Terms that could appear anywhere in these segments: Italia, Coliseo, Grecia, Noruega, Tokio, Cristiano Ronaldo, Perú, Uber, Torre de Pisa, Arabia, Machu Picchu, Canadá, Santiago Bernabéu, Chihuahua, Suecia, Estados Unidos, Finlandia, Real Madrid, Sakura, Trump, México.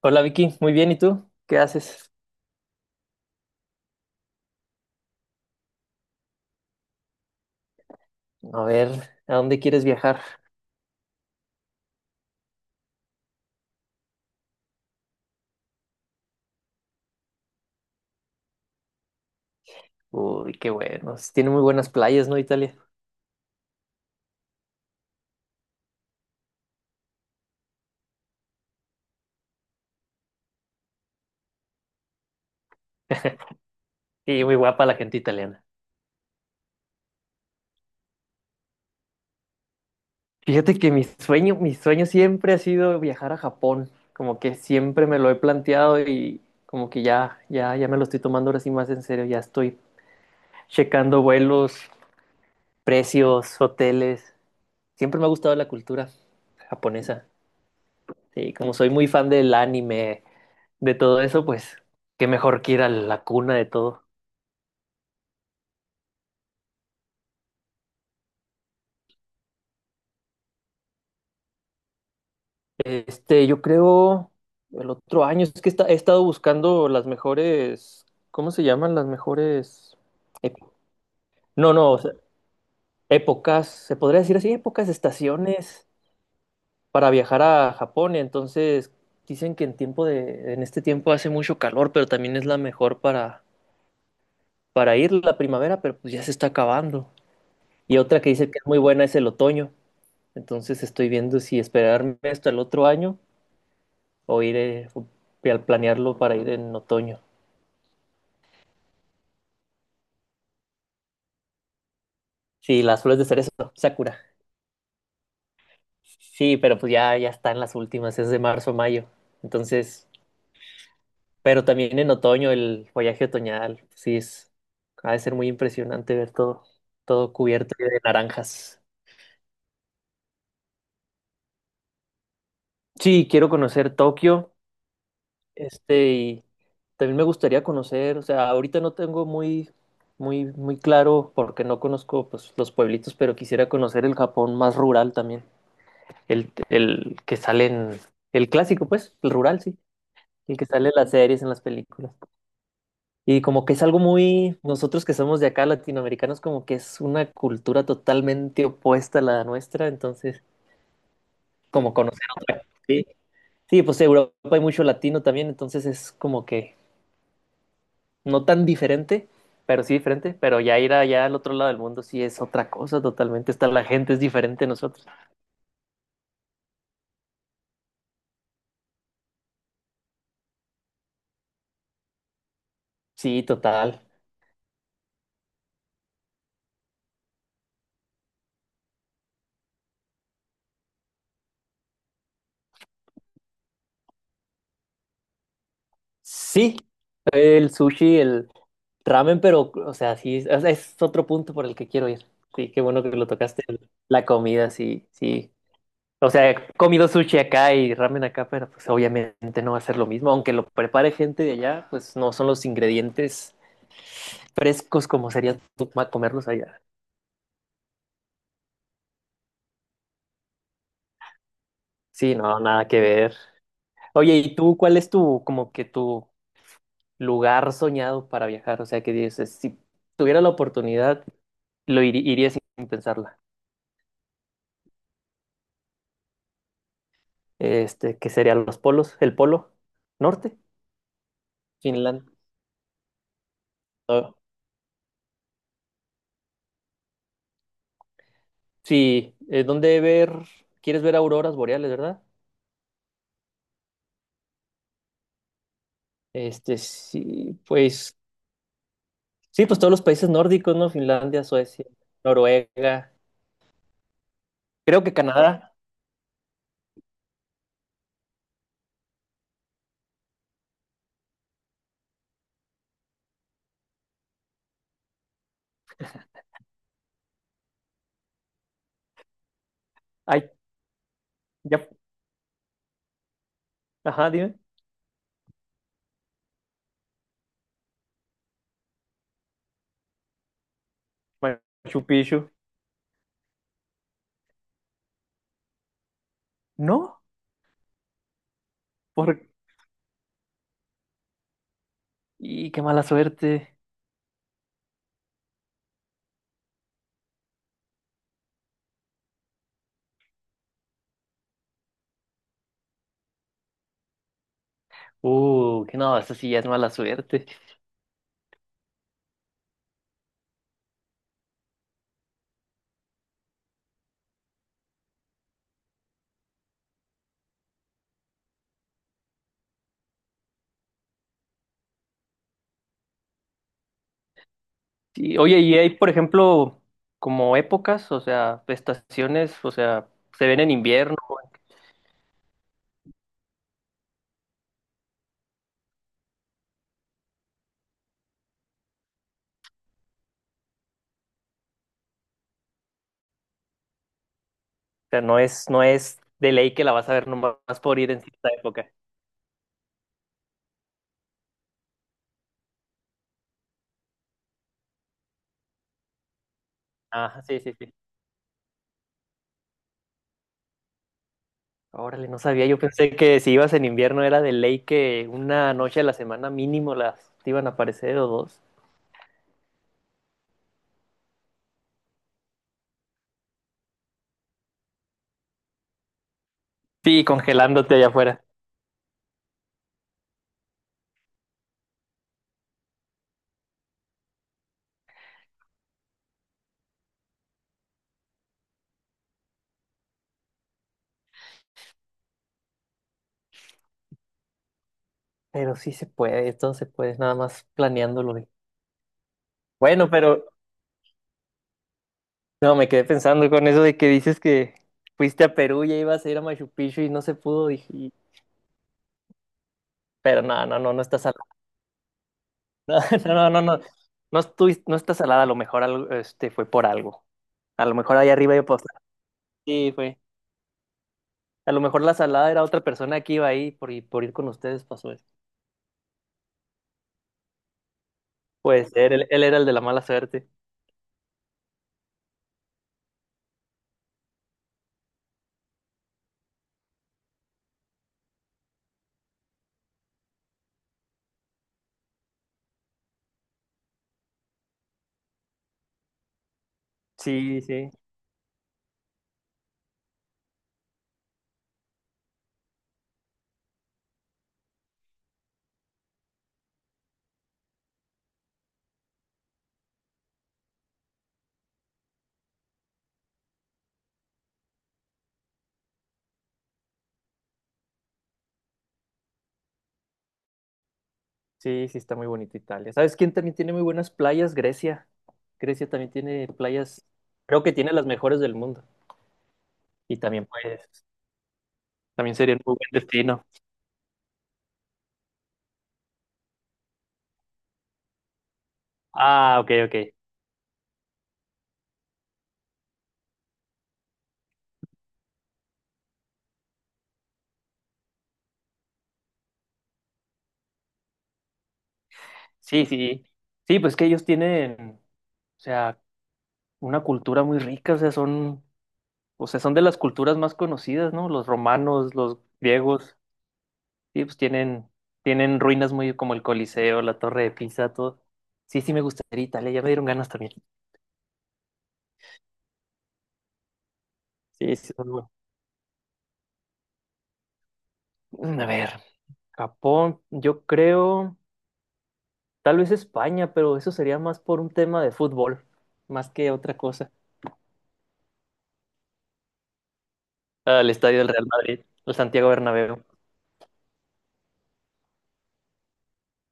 Hola Vicky, muy bien, ¿y tú? ¿Qué haces? A ver, ¿a dónde quieres viajar? Uy, qué bueno. Sí, tiene muy buenas playas, ¿no, Italia? Y muy guapa la gente italiana. Fíjate que mi sueño siempre ha sido viajar a Japón. Como que siempre me lo he planteado y como que ya, ya, ya me lo estoy tomando ahora sí más en serio. Ya estoy checando vuelos, precios, hoteles. Siempre me ha gustado la cultura japonesa. Sí, como soy muy fan del anime, de todo eso, pues qué mejor que ir a la cuna de todo. Este, yo creo el otro año, es que he estado buscando las mejores, ¿cómo se llaman? Las mejores, ep- no, no, o sea, épocas, se podría decir así, épocas, estaciones para viajar a Japón. Entonces, dicen que en este tiempo hace mucho calor, pero también es la mejor para ir la primavera, pero pues ya se está acabando. Y otra que dice que es muy buena es el otoño. Entonces, estoy viendo si esperarme hasta el otro año o ir, al planearlo para ir en otoño. Sí, las flores de cerezo, Sakura. Sí, pero pues ya, ya están las últimas, es de marzo a mayo. Entonces, pero también en otoño, el follaje otoñal, sí es, ha de ser muy impresionante ver todo, todo cubierto de naranjas. Sí, quiero conocer Tokio, este, y también me gustaría conocer, o sea, ahorita no tengo muy, muy, muy claro porque no conozco pues los pueblitos, pero quisiera conocer el Japón más rural también, el que sale en, el clásico, pues, el rural, sí. El que sale en las series, en las películas. Y como que es algo muy, nosotros que somos de acá, latinoamericanos, como que es una cultura totalmente opuesta a la nuestra, entonces, como conocer otra. Sí, sí, pues Europa hay mucho latino también, entonces es como que no tan diferente, pero sí diferente, pero ya ir allá al otro lado del mundo sí es otra cosa totalmente, está la gente es diferente a nosotros. Sí, total. Sí, el sushi, el... Ramen, pero, o sea, sí, es otro punto por el que quiero ir. Sí, qué bueno que lo tocaste. La comida, sí, sí. O sea, he comido sushi acá y ramen acá, pero pues obviamente no va a ser lo mismo. Aunque lo prepare gente de allá, pues no son los ingredientes frescos como sería comerlos allá. Sí, no, nada que ver. Oye, ¿y tú cuál es tu, como que tu lugar soñado para viajar? O sea, que dices, si tuviera la oportunidad, iría sin pensarla. Este, que serían los polos, el polo norte, Finlandia. Ah, sí, ¿dónde ver? ¿Quieres ver auroras boreales, verdad? Este, sí, pues todos los países nórdicos, ¿no? Finlandia, Suecia, Noruega, creo que Canadá. Ay, ya, ajá, dime. Machu Picchu. No, por... Y qué mala suerte. Que no, eso sí ya es mala suerte. Sí, oye, y hay, por ejemplo, como épocas, o sea, estaciones, o sea, se ven en invierno, o sea, no es, no es de ley que la vas a ver nomás por ir en cierta época. Ah, sí, sí, sí. Órale, no sabía, yo pensé que si ibas en invierno era de ley que una noche a la semana mínimo las te iban a aparecer o dos. Sí, congelándote allá afuera. Pero sí se puede, todo se puede, nada más planeándolo. Güey. Bueno, pero no, me quedé pensando con eso de que dices que fuiste a Perú y ibas a ir a Machu Picchu y no se pudo. Dije, pero no, no, no, no está salada. No, no, no, no. No, no está salada, a lo mejor algo, este, fue por algo. A lo mejor ahí arriba yo pasé. Sí, fue. A lo mejor la salada era otra persona que iba ahí por, y por ir con ustedes pasó eso. Puede ser, él era el de la mala suerte. Sí, sí, sí, sí, está muy bonito Italia. ¿Sabes quién también tiene muy buenas playas? Grecia. Grecia también tiene playas, creo que tiene las mejores del mundo. Y también, pues, también sería un muy buen destino. Ah, ok, ok. Sí, sí. Sí, pues que ellos tienen. O sea, una cultura muy rica, o sea, son de las culturas más conocidas, ¿no? Los romanos, los griegos, sí, pues tienen ruinas muy como el Coliseo, la Torre de Pisa, todo. Sí, sí me gustaría Italia, ya me dieron ganas también. Sí, sí, son muy- Mm, a ver, Japón, yo creo, tal vez España, pero eso sería más por un tema de fútbol, más que otra cosa. Al estadio del Real Madrid, el Santiago Bernabéu.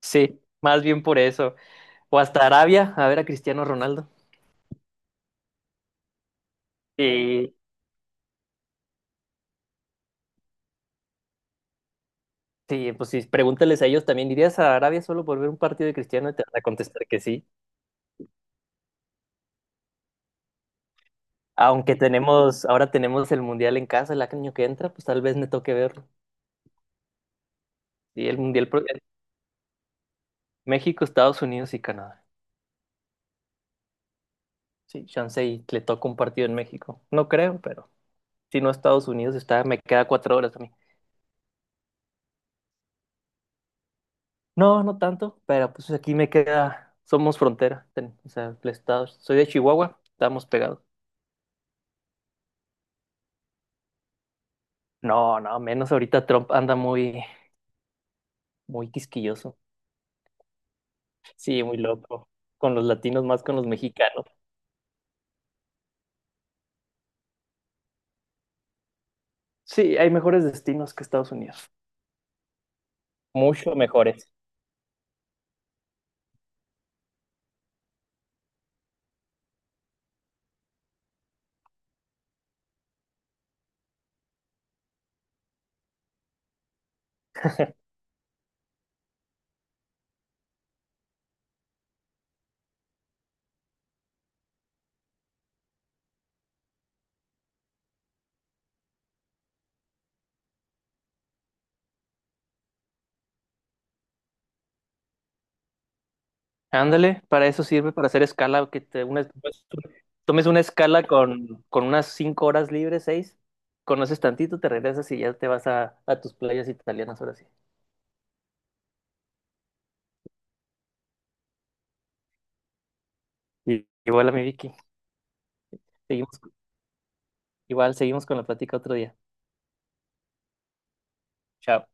Sí, más bien por eso. O hasta Arabia, a ver a Cristiano Ronaldo. Sí. Sí, pues sí, pregúntales a ellos también, ¿irías a Arabia solo por ver un partido de Cristiano? Y te van a contestar que sí. Aunque tenemos, ahora tenemos el Mundial en casa el año que entra, pues tal vez me toque verlo. Y el Mundial pro- México, Estados Unidos y Canadá. Sí, chance y le toca un partido en México. No creo, pero si no Estados Unidos está, me queda 4 horas a mí. No, no tanto, pero pues aquí me queda, somos frontera, o sea, el estado, soy de Chihuahua, estamos pegados. No, no, menos ahorita Trump anda muy, muy quisquilloso. Sí, muy loco. Con los latinos más con los mexicanos. Sí, hay mejores destinos que Estados Unidos. Mucho mejores. Ándale, para eso sirve, para hacer escala, que Pues, tomes una escala con unas 5 horas libres, seis, conoces tantito, te regresas y ya te vas a tus playas italianas ahora sí. Y, igual a mi Vicky, seguimos, igual seguimos con la plática otro día. Chao.